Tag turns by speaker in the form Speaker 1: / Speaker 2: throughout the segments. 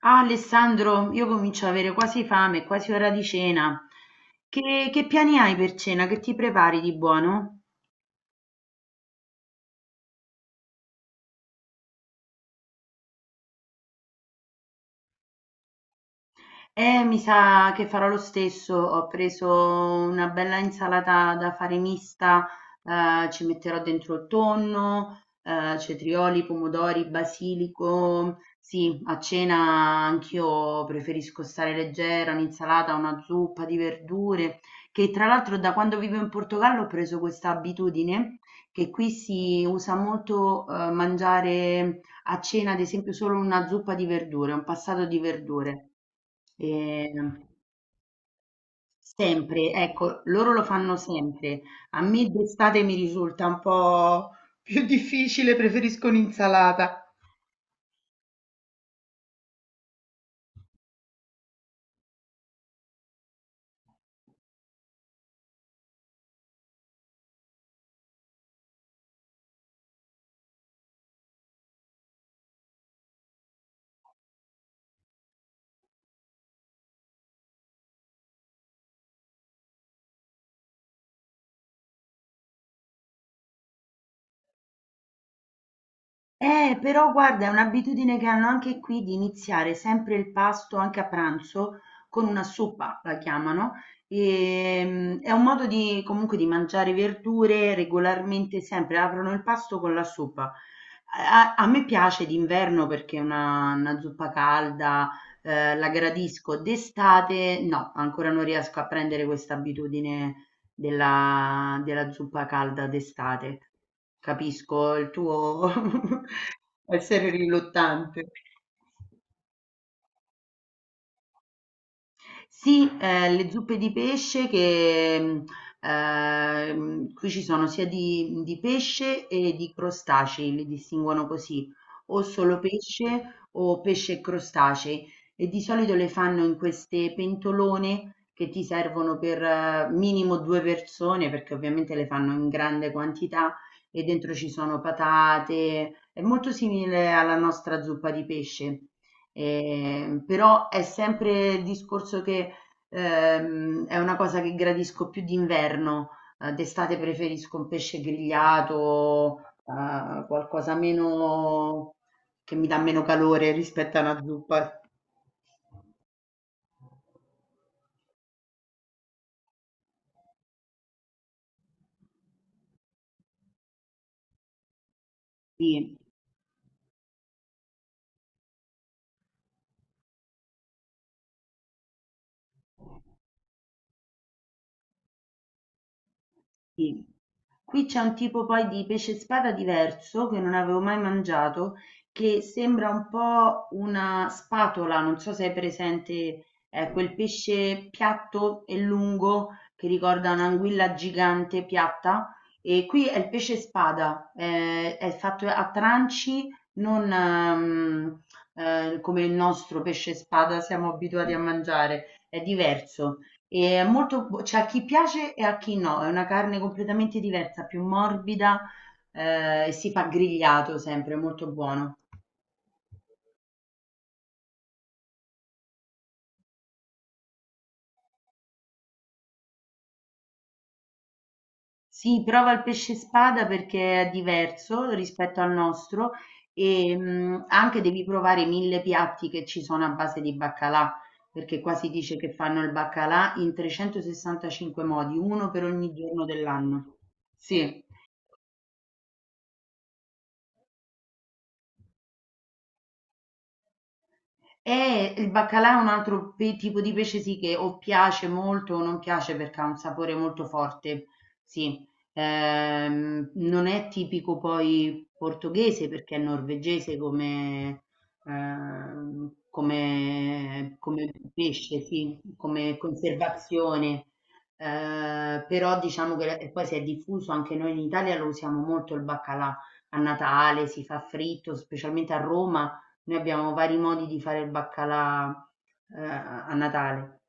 Speaker 1: Ah, Alessandro, io comincio ad avere quasi fame, è quasi ora di cena. Che piani hai per cena? Che ti prepari di buono? Mi sa che farò lo stesso. Ho preso una bella insalata da fare mista, ci metterò dentro il tonno, cetrioli, pomodori, basilico. Sì, a cena anch'io preferisco stare leggera, un'insalata, una zuppa di verdure, che tra l'altro da quando vivo in Portogallo ho preso questa abitudine che qui si usa molto mangiare a cena, ad esempio, solo una zuppa di verdure, un passato di verdure. Ehm, sempre, ecco, loro lo fanno sempre. A me d'estate mi risulta un po' più difficile, preferisco un'insalata. Però guarda, è un'abitudine che hanno anche qui di iniziare sempre il pasto, anche a pranzo, con una zuppa, la chiamano. È un modo di, comunque di mangiare verdure regolarmente, sempre aprono il pasto con la zuppa. A me piace d'inverno perché è una zuppa calda, la gradisco. D'estate no, ancora non riesco a prendere questa abitudine della zuppa calda d'estate. Capisco il tuo, essere riluttante. Sì, le zuppe di pesce che qui ci sono sia di pesce e di crostacei, li distinguono così, o solo pesce o pesce e crostacei. E di solito le fanno in queste pentolone che ti servono per minimo due persone, perché ovviamente le fanno in grande quantità e dentro ci sono patate. È molto simile alla nostra zuppa di pesce. Però è sempre il discorso che è una cosa che gradisco più d'inverno, d'estate preferisco un pesce grigliato, qualcosa meno che mi dà meno calore rispetto a una zuppa. Sì. Sì. Qui c'è un tipo poi di pesce spada diverso, che non avevo mai mangiato, che sembra un po' una spatola, non so se hai presente, è quel pesce piatto e lungo che ricorda un'anguilla gigante piatta. E qui è il pesce spada, è fatto a tranci, non come il nostro pesce spada siamo abituati a mangiare, è diverso. E è molto, c'è a chi piace e a chi no, è una carne completamente diversa, più morbida, e si fa grigliato sempre, è molto buono. Sì, prova il pesce spada perché è diverso rispetto al nostro e anche devi provare i mille piatti che ci sono a base di baccalà, perché qua si dice che fanno il baccalà in 365 modi, uno per ogni giorno dell'anno. Sì. Il baccalà è un altro tipo di pesce sì che o piace molto o non piace perché ha un sapore molto forte, sì. Non è tipico poi portoghese perché è norvegese come, come pesce, sì, come conservazione. Però diciamo che e poi si è diffuso anche noi in Italia lo usiamo molto il baccalà a Natale, si fa fritto, specialmente a Roma noi abbiamo vari modi di fare il baccalà, a Natale.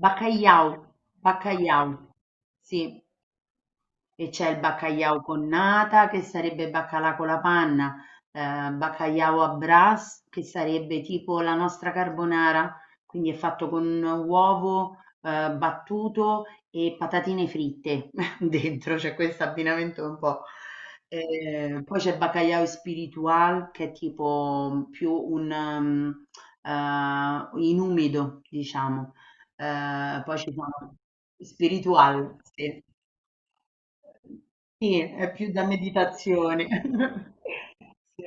Speaker 1: Baccagliau, baccagliau, sì. E c'è il baccaiau con nata, che sarebbe baccalà con la panna, baccaiau à brace, che sarebbe tipo la nostra carbonara, quindi è fatto con uovo, battuto e patatine fritte dentro, c'è questo abbinamento un po'. Poi c'è baccaiau spiritual, che è tipo più in umido, diciamo. Poi ci sono spiritual, sì. Sì, è più da meditazione. Sì.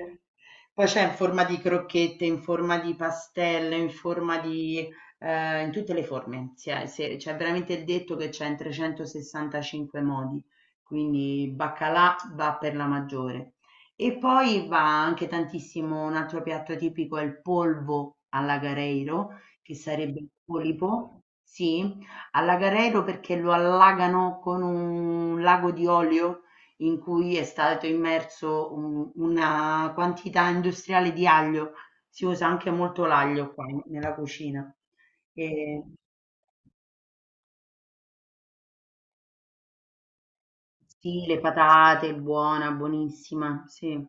Speaker 1: Poi c'è in forma di crocchette, in forma di pastelle, in forma di... in tutte le forme. C'è veramente il detto che c'è in 365 modi, quindi baccalà va per la maggiore. E poi va anche tantissimo, un altro piatto tipico è il polvo alla Gareiro, che sarebbe il polipo, sì, allagarello perché lo allagano con un lago di olio in cui è stato immerso una quantità industriale di aglio. Si usa anche molto l'aglio qua nella cucina. E, sì, le patate, buona, buonissima, sì.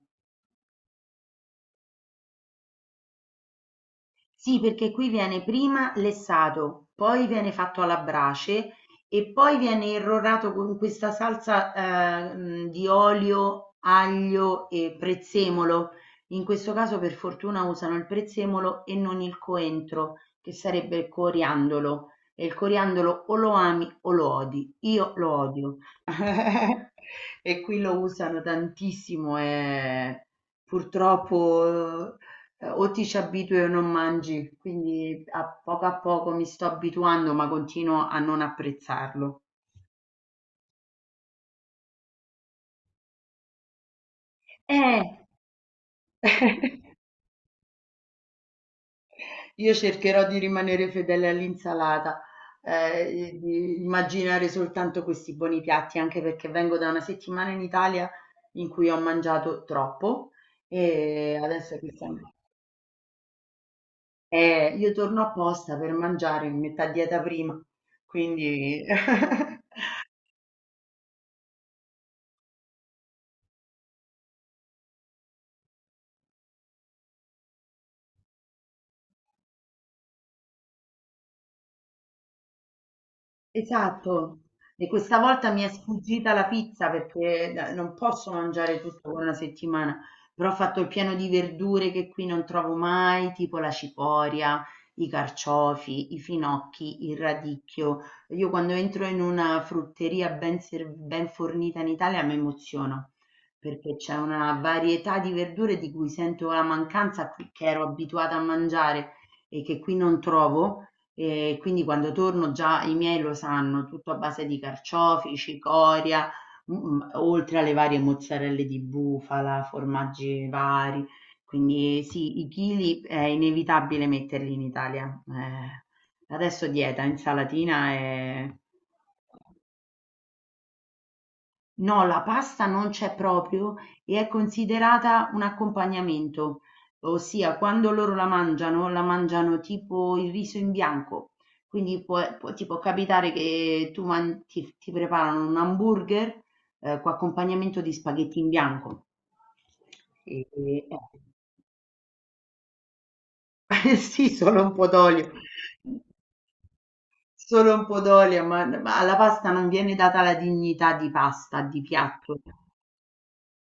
Speaker 1: Sì, perché qui viene prima lessato, poi viene fatto alla brace e poi viene irrorato con questa salsa di olio, aglio e prezzemolo. In questo caso per fortuna usano il prezzemolo e non il coentro, che sarebbe il coriandolo. E il coriandolo o lo ami o lo odi. Io lo odio. E qui lo usano tantissimo e purtroppo o ti ci abitui o non mangi, quindi a poco mi sto abituando, ma continuo a non apprezzarlo. Eh! Io cercherò di rimanere fedele all'insalata, di immaginare soltanto questi buoni piatti, anche perché vengo da una settimana in Italia in cui ho mangiato troppo e adesso che siamo io torno apposta per mangiare, mi metto a dieta prima, quindi esatto. E questa volta mi è sfuggita la pizza perché non posso mangiare tutto con una settimana, però ho fatto il pieno di verdure che qui non trovo mai, tipo la cicoria, i carciofi, i finocchi, il radicchio. Io quando entro in una frutteria ben fornita in Italia mi emoziono perché c'è una varietà di verdure di cui sento la mancanza che ero abituata a mangiare e che qui non trovo. Quindi quando torno già i miei lo sanno, tutto a base di carciofi, cicoria, mhmm, oltre alle varie mozzarelle di bufala, formaggi vari. Quindi sì, i chili è inevitabile metterli in Italia. Adesso dieta, insalatina e no, la pasta non c'è proprio e è considerata un accompagnamento, ossia quando loro la mangiano tipo il riso in bianco. Quindi ti può capitare che tu ti, ti preparano un hamburger con accompagnamento di spaghetti in bianco. E- e- eh, sì, solo un po' d'olio, solo un po' d'olio, ma alla pasta non viene data la dignità di pasta, di piatto.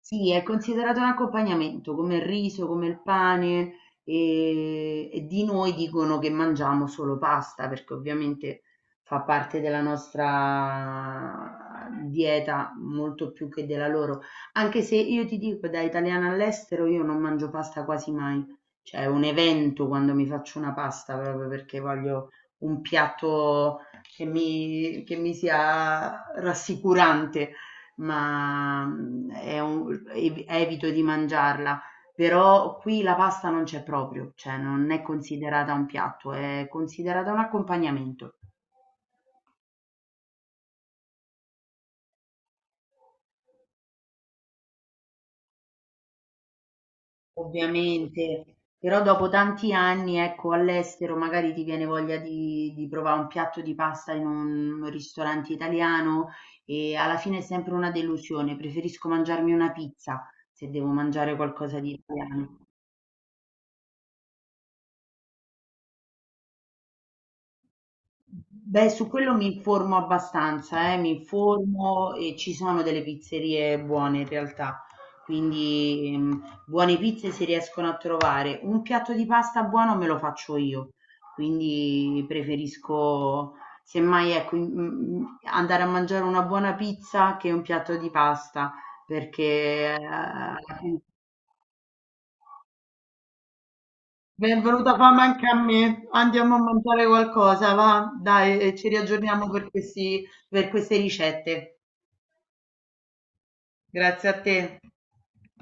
Speaker 1: Sì, è considerato un accompagnamento, come il riso, come il pane, e di noi dicono che mangiamo solo pasta, perché ovviamente fa parte della nostra dieta molto più che della loro. Anche se io ti dico, da italiana all'estero, io non mangio pasta quasi mai. Cioè, è un evento quando mi faccio una pasta, proprio perché voglio un piatto che mi sia rassicurante ma mhmm, è un evito di mangiarla, però qui la pasta non c'è proprio, cioè non è considerata un piatto, è considerata un accompagnamento. Ovviamente, però dopo tanti anni, ecco, all'estero magari ti viene voglia di provare un piatto di pasta in un ristorante italiano e alla fine è sempre una delusione, preferisco mangiarmi una pizza se devo mangiare qualcosa di italiano. Beh, su quello mi informo abbastanza, mi informo e ci sono delle pizzerie buone in realtà, quindi buone pizze si riescono a trovare. Un piatto di pasta buono me lo faccio io, quindi preferisco semmai ecco, andare a mangiare una buona pizza che un piatto di pasta, perché eh, benvenuta fame anche a me. Andiamo a mangiare qualcosa, va? Dai, e ci riaggiorniamo per per queste ricette. Grazie a te.